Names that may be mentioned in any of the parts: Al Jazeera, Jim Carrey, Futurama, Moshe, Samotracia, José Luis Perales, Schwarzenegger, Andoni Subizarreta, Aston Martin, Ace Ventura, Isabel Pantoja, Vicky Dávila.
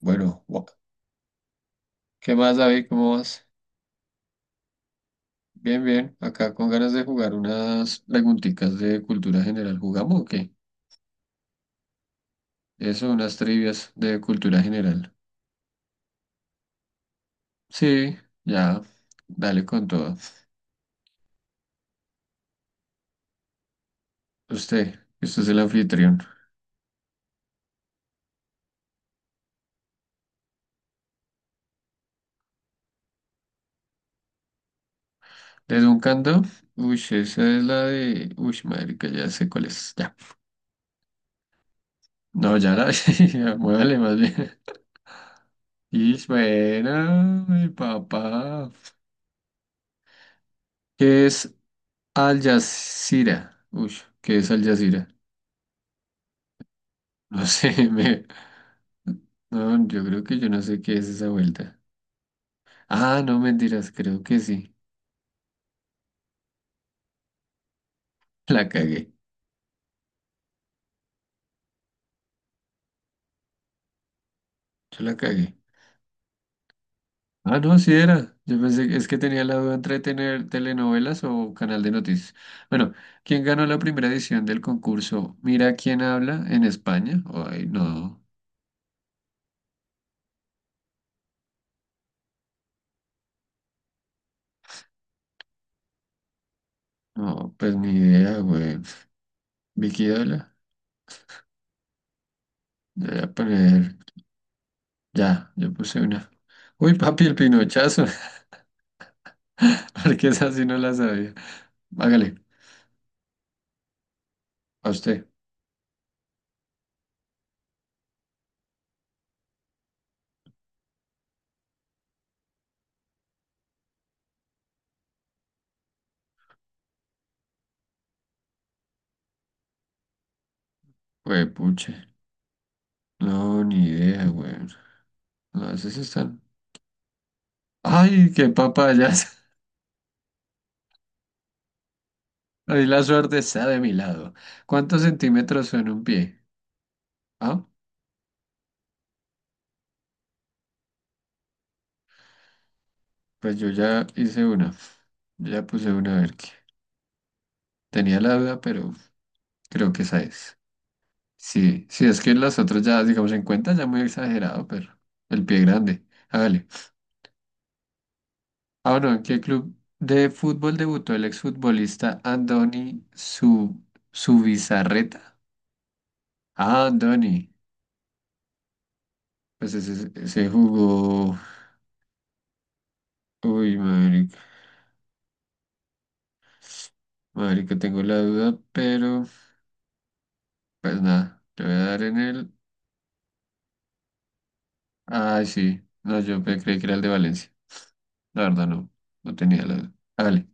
Bueno, ¿qué más, David? ¿Cómo vas? Bien, bien. Acá con ganas de jugar unas preguntitas de cultura general. ¿Jugamos o qué? Eso, unas trivias de cultura general. Sí, ya. Dale con todo. Usted es el anfitrión. ¿Desde un canto? Uy, esa es la de... Uy, madre, que ya sé cuál es. Ya. No, ya, Muévale más bien. Y bueno, mi papá. ¿Qué es Al Jazeera? Uy, ¿qué es Al Jazeera? No sé, no, yo creo que yo no sé qué es esa vuelta. Ah, no, mentiras, creo que sí. La cagué, yo la cagué. Ah, no, sí era. Yo pensé que es que tenía la duda entre tener telenovelas o canal de noticias. Bueno, ¿quién ganó la primera edición del concurso? Mira quién habla en España. Ay, no, no, pues ni idea, güey. Vicky Dávila. Yo Voy a poner, ya, yo puse una. Uy, papi, el pinochazo, porque esa sí no la sabía. Hágale, a usted. Güey, puche. No, ni idea, güey. No, esas están. ¡Ay, qué papayas! Ahí la suerte está de mi lado. ¿Cuántos centímetros son un pie? Ah, pues yo ya hice una. Yo ya puse una, a ver qué. Tenía la duda, pero creo que esa es. Sí, sí, es que las otras ya, digamos, en cuenta ya muy exagerado, pero el pie grande. Hágale. Ah, bueno, ¿en qué club de fútbol debutó el exfutbolista Andoni Su Subizarreta? Ah, Andoni. Pues ese jugó. Uy, marica. Marica, tengo la duda, pero pues nada, le voy a dar en el. Ay, sí. No, creí que era el de Valencia. La verdad, no. No tenía la duda. Hágale.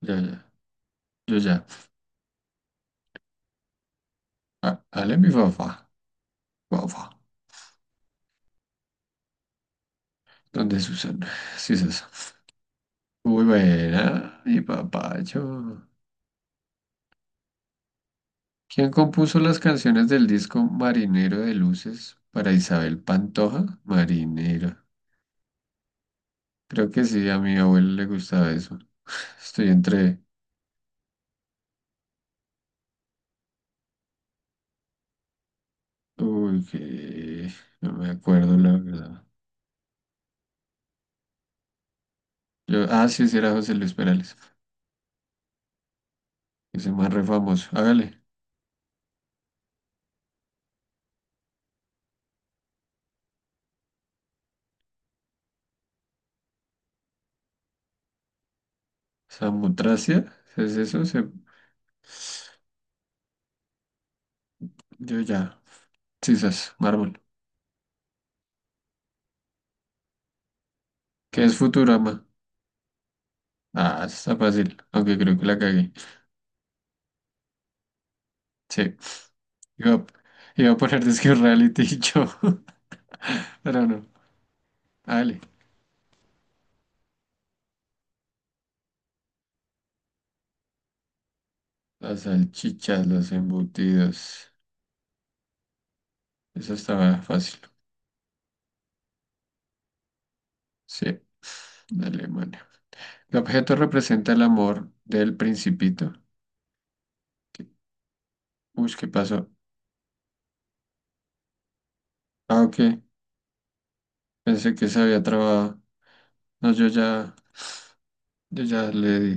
Ya, ya. Yo ya. Ah, hágale, mi papá. Papá. ¿Dónde es Susana? Sí, es eso. Muy buena, mi papacho. ¿Quién compuso las canciones del disco Marinero de Luces para Isabel Pantoja? Marinero. Creo que sí, a mi abuelo le gustaba eso. Estoy entre... Uy, que... No me acuerdo la verdad. Ah, sí, sí era José Luis Perales. Ese más re famoso. Hágale. Samotracia. ¿Es eso? Yo ya. Sisas, mármol. ¿Qué es Futurama? Ah, está fácil. Aunque creo que la cagué. Sí. Iba a, iba a poner Disque Reality yo. Pero no. Hágale. Las salchichas, los embutidos. Eso estaba fácil. Sí, de Alemania. El objeto representa el amor del principito. ¿Qué- Uy, ¿qué pasó? Ah, ok. Pensé que se había trabado. No, yo ya le di.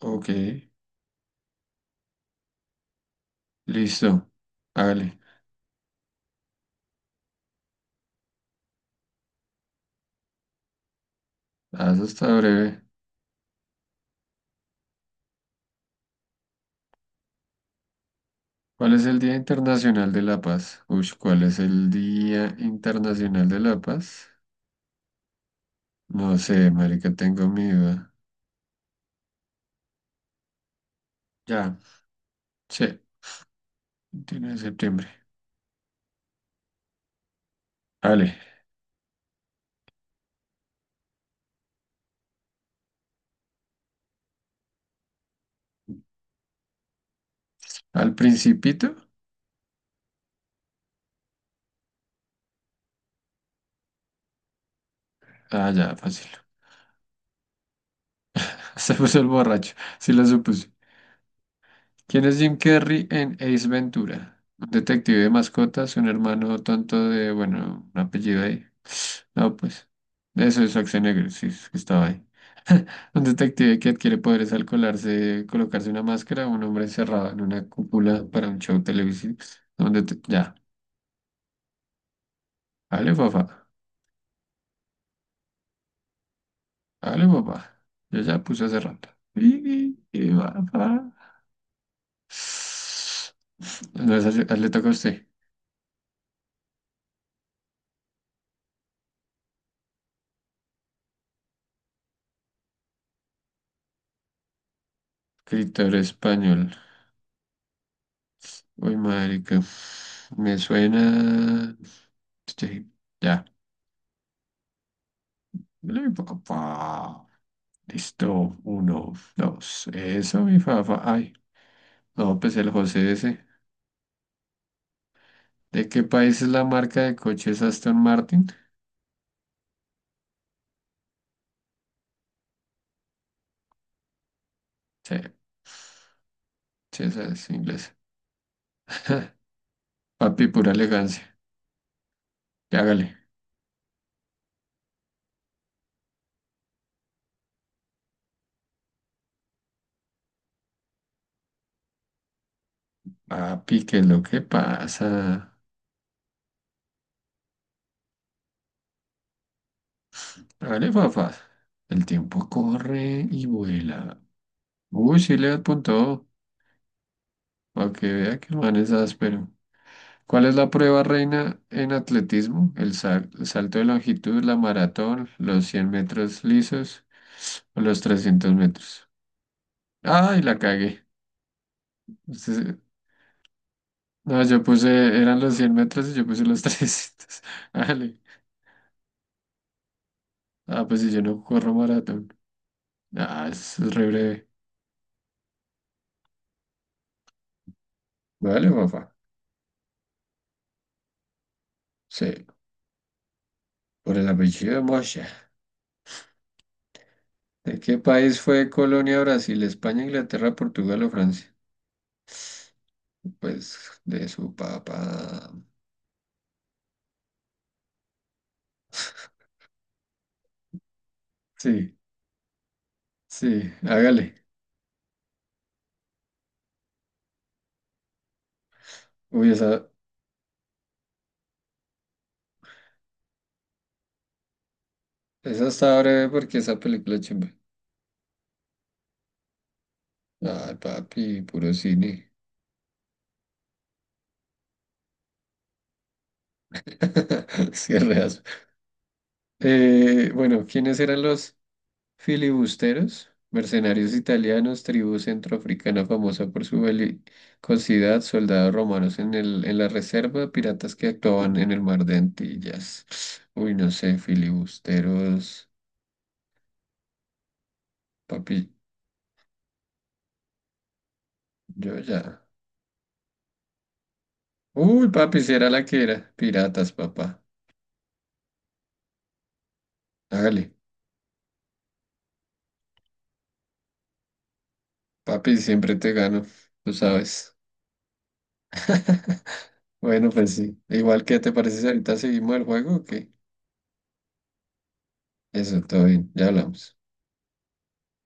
Ok, listo. Hágale. Ah, eso está breve. ¿Cuál es el Día Internacional de la Paz? Uy, ¿cuál es el Día Internacional de la Paz? No sé, marica, tengo mi duda. Ya, sí, 29 de septiembre. Vale. ¿Al principito? Ah, ya, fácil. Se puso el borracho, sí lo supuse. ¿Quién es Jim Carrey en Ace Ventura? Un detective de mascotas, un hermano tonto de, bueno, un apellido ahí. No, pues, eso es Schwarzenegger, sí, es que estaba ahí. Un detective que adquiere poderes al colarse, colocarse una máscara, un hombre encerrado en una cúpula para un show televisivo. Ya, dale papá, dale papá. Yo ya puse hace rato. Y, papá. No, esa le toca a usted. Escritor español. Uy, marica. Me suena. Sí, ya. Dale un poco. Pa. Listo. Uno, dos. Eso, mi fafa. Ay. No, pues el José ese. ¿De qué país es la marca de coches Aston Martin? Sí, sí, esa es inglesa. Papi, pura elegancia. Ya, hágale. Papi, ¿qué es lo que pasa? Hágale, fafa. El tiempo corre y vuela. Uy, sí le apuntó. Para que vea que el man es áspero. ¿Cuál es la prueba reina en atletismo? El salto de longitud, la maratón, los 100 metros lisos o los 300 metros. ¡Ay, la cagué! Entonces, no, eran los 100 metros y yo puse los 300. Vale. Ah, pues si yo no corro maratón. Ah, eso es re breve. Vale, papá. Sí, por el apellido de Moshe. ¿De qué país fue colonia Brasil, España, Inglaterra, Portugal o Francia? Pues de su papá. Sí. Sí, hágale. Uy, esa está breve porque esa película es chimba. Ay, papi, puro cine. Sí, bueno, ¿quiénes eran los filibusteros? Mercenarios italianos, tribu centroafricana famosa por su belicosidad, soldados romanos en el, en la reserva, piratas que actuaban en el mar de Antillas. Uy, no sé, filibusteros, papi, yo ya. Uy, papi, si era la que era. Piratas, papá. Hágale. Papi, siempre te gano, tú sabes. Bueno, pues sí. ¿Igual que te parece si ahorita seguimos el juego, o qué? Eso, todo bien, ya hablamos.